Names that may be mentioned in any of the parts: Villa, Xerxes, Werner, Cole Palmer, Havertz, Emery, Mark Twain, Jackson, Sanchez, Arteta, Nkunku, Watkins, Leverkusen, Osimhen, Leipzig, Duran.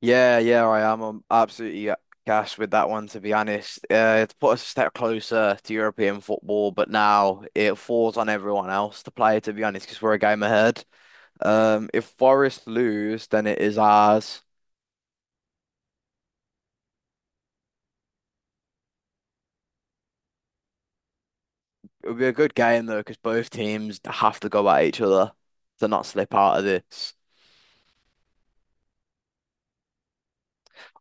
Yeah, yeah, I am. I'm absolutely gassed with that one, to be honest. It's put us a step closer to European football, but now it falls on everyone else to play, to be honest, because we're a game ahead. If Forest lose, then it is ours. It'll be a good game, though, because both teams have to go at each other to not slip out of this.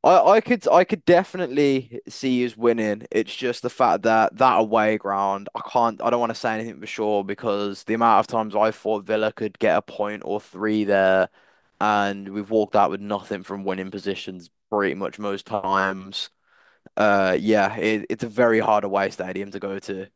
I could definitely see us winning. It's just the fact that away ground, I don't want to say anything for sure because the amount of times I thought Villa could get a point or three there, and we've walked out with nothing from winning positions pretty much most times. Yeah, it's a very hard away stadium to go to.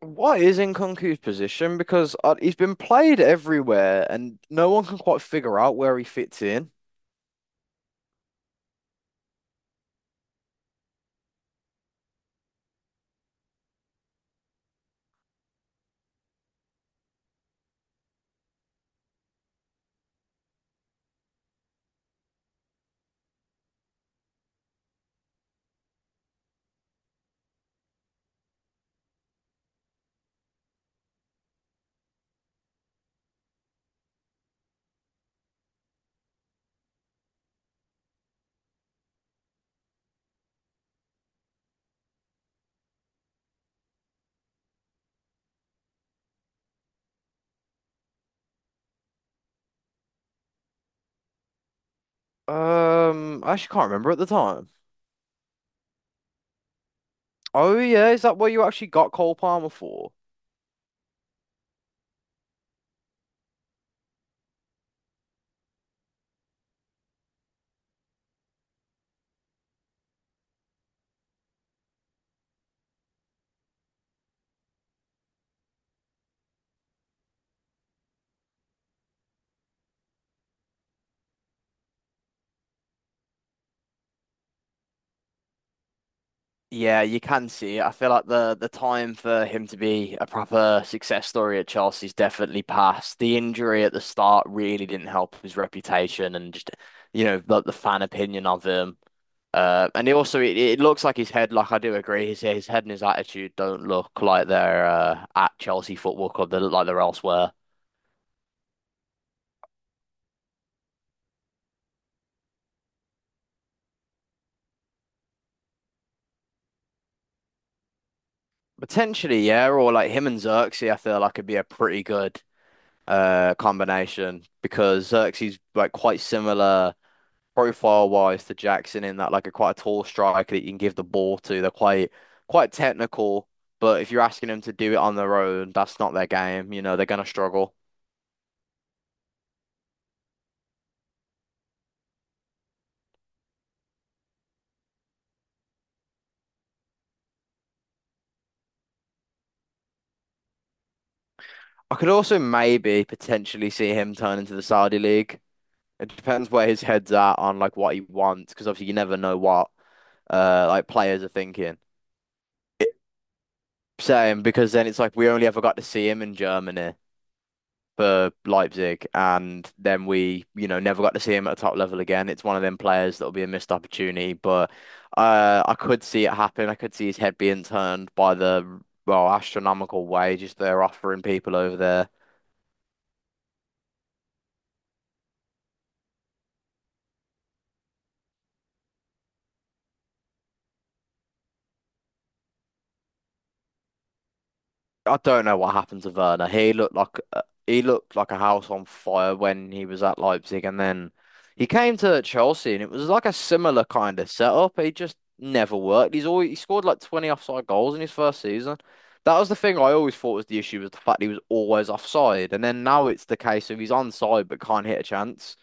What is Nkunku's position? Because he's been played everywhere, and no one can quite figure out where he fits in. I actually can't remember at the time. Oh yeah, is that what you actually got Cole Palmer for? Yeah, you can see it. I feel like the time for him to be a proper success story at Chelsea's definitely passed. The injury at the start really didn't help his reputation and just the fan opinion of him. And he also, it looks like his head. Like I do agree, his head and his attitude don't look like they're at Chelsea Football Club. They look like they're elsewhere. Potentially, yeah, or like him and Xerxes, I feel like could be a pretty good combination, because Xerxes like quite similar profile wise to Jackson in that like a quite a tall striker that you can give the ball to. They're quite technical, but if you're asking them to do it on their own, that's not their game. You know, they're gonna struggle. I could also maybe potentially see him turn into the Saudi League. It depends where his head's at on like what he wants, because obviously you never know what like players are thinking. It- Same, because then it's like we only ever got to see him in Germany, for Leipzig, and then we never got to see him at a top level again. It's one of them players that'll be a missed opportunity, but I could see it happen. I could see his head being turned by the, well, astronomical wages they're offering people over there. I don't know what happened to Werner. He looked like a house on fire when he was at Leipzig, and then he came to Chelsea, and it was like a similar kind of setup. He just never worked. He scored like 20 offside goals in his first season. That was the thing I always thought was the issue, was the fact he was always offside, and then now it's the case of he's onside but can't hit a chance.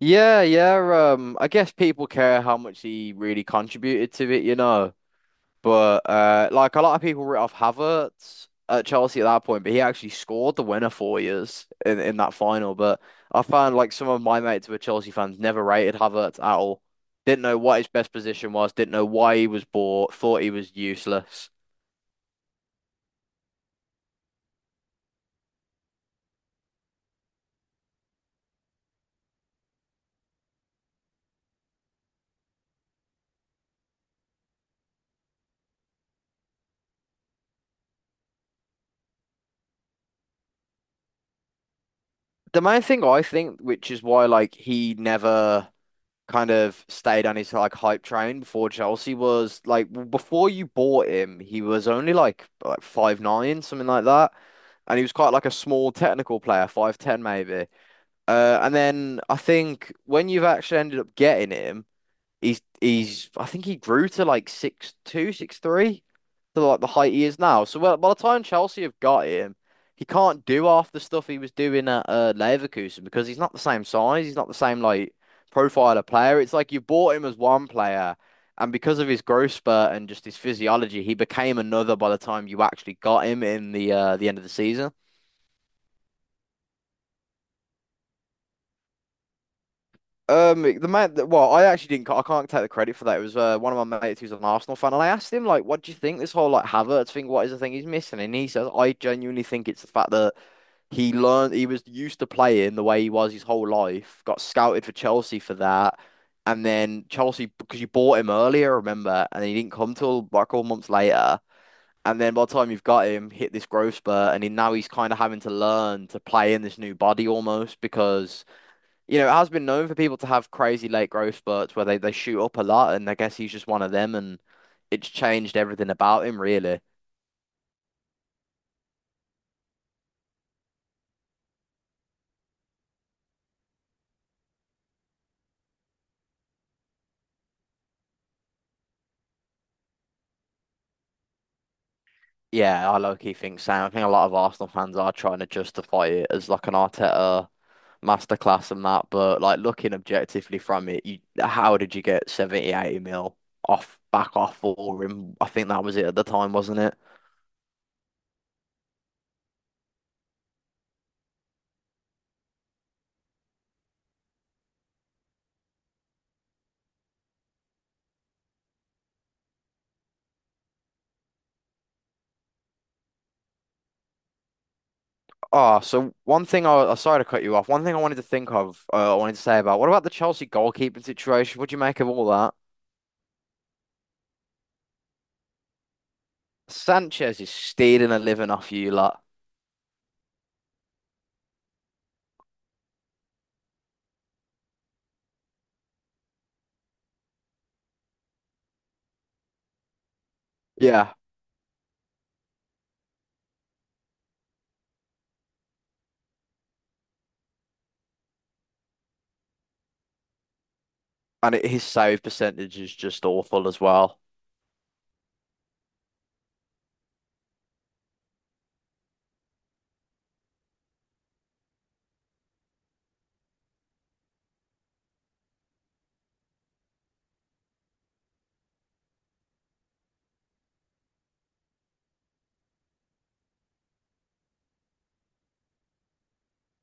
Yeah, yeah. I guess people care how much he really contributed to it. But like a lot of people wrote off Havertz at Chelsea at that point, but he actually scored the winner for years in that final. But I found like some of my mates who were Chelsea fans never rated Havertz at all. Didn't know what his best position was, didn't know why he was bought, thought he was useless. The main thing I think, which is why like he never kind of stayed on his like hype train before Chelsea, was like before you bought him, he was only like 5'9", something like that. And he was quite like a small technical player, 5'10" maybe. And then I think when you've actually ended up getting him, he's I think he grew to like 6'2", 6'3", to like the height he is now. So well, by the time Chelsea have got him, he can't do half the stuff he was doing at Leverkusen, because he's not the same size. He's not the same like profile of player. It's like you bought him as one player, and because of his growth spurt and just his physiology, he became another by the time you actually got him in the end of the season. Well, I actually didn't. I can't take the credit for that. It was one of my mates who's an Arsenal fan, and I asked him like, "What do you think this whole like Havertz thing? What is the thing he's missing?" And he says, "I genuinely think it's the fact that." He learned, he was used to playing the way he was his whole life, got scouted for Chelsea for that. And then Chelsea, because you bought him earlier, remember, and he didn't come till like all months later. And then by the time you've got him, hit this growth spurt, and he, now he's kind of having to learn to play in this new body almost because, you know, it has been known for people to have crazy late growth spurts where they shoot up a lot. And I guess he's just one of them, and it's changed everything about him, really. Yeah, I low-key think same. I think a lot of Arsenal fans are trying to justify it as like an Arteta masterclass and that, but like looking objectively from it, you how did you get 70, 80 mil off back off for him? I think that was it at the time, wasn't it? Oh, so one thing I sorry to cut you off. One thing I wanted to think of, I wanted to say, about what about the Chelsea goalkeeping situation? What do you make of all that? Sanchez is stealing a living off you lot. Yeah, and it, his save percentage is just awful as well.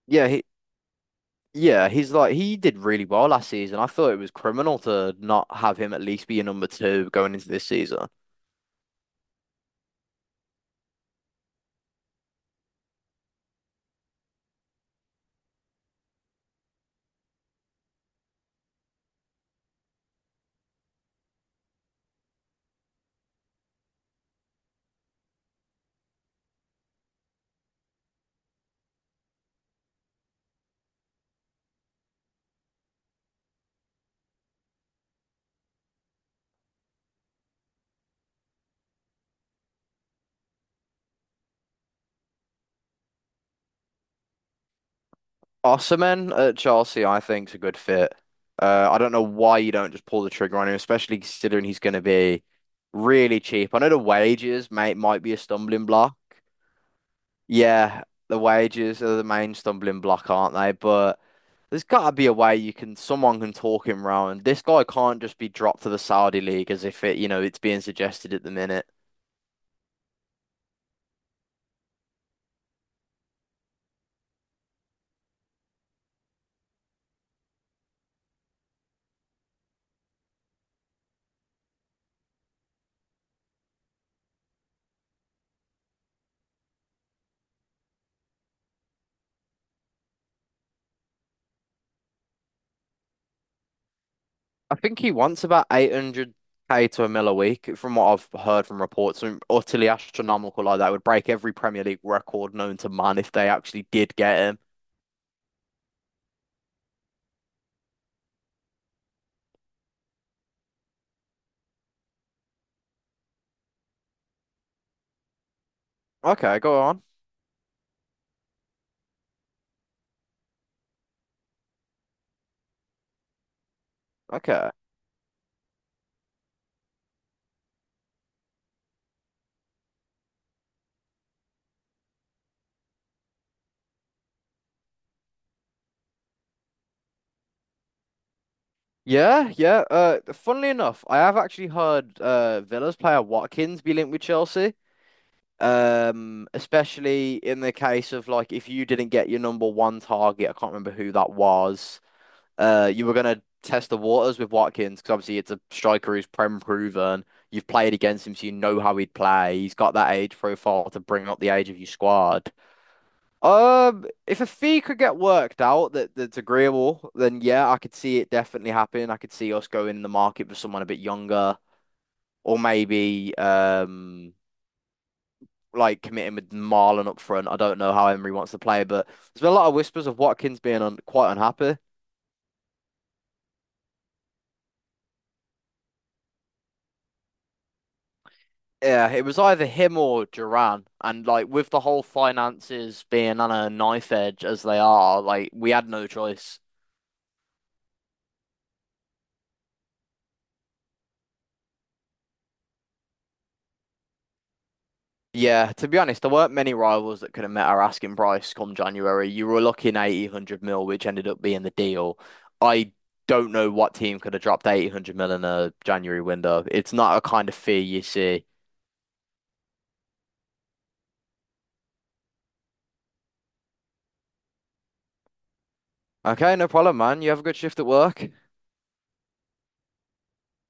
Yeah, he, Yeah, he's like he did really well last season. I thought it was criminal to not have him at least be a number two going into this season. Osimhen at Chelsea, I think's a good fit. I don't know why you don't just pull the trigger on him, especially considering he's going to be really cheap. I know the wages may might be a stumbling block. Yeah, the wages are the main stumbling block, aren't they? But there's got to be a way you can, someone can talk him round. This guy can't just be dropped to the Saudi league as if it's being suggested at the minute. I think he wants about 800k to a mil a week, from what I've heard from reports. Something utterly astronomical like that. It would break every Premier League record known to man if they actually did get him. Okay, go on. Okay. Yeah, yeah. Funnily enough, I have actually heard Villa's player Watkins be linked with Chelsea. Especially in the case of like if you didn't get your number one target, I can't remember who that was. You were gonna test the waters with Watkins because obviously it's a striker who's prem proven. You've played against him, so you know how he'd play. He's got that age profile to bring up the age of your squad. If a fee could get worked out that's agreeable, then yeah, I could see it definitely happening. I could see us going in the market for someone a bit younger, or maybe like committing with Marlon up front. I don't know how Emery wants to play, but there's been a lot of whispers of Watkins being un quite unhappy. Yeah, it was either him or Duran, and like with the whole finances being on a knife edge as they are, like we had no choice. Yeah, to be honest, there weren't many rivals that could have met our asking price come January. You were looking 80, 100 mil, which ended up being the deal. I don't know what team could have dropped 80, 100 mil in a January window. It's not a kind of fee you see. Okay, no problem, man. You have a good shift at work.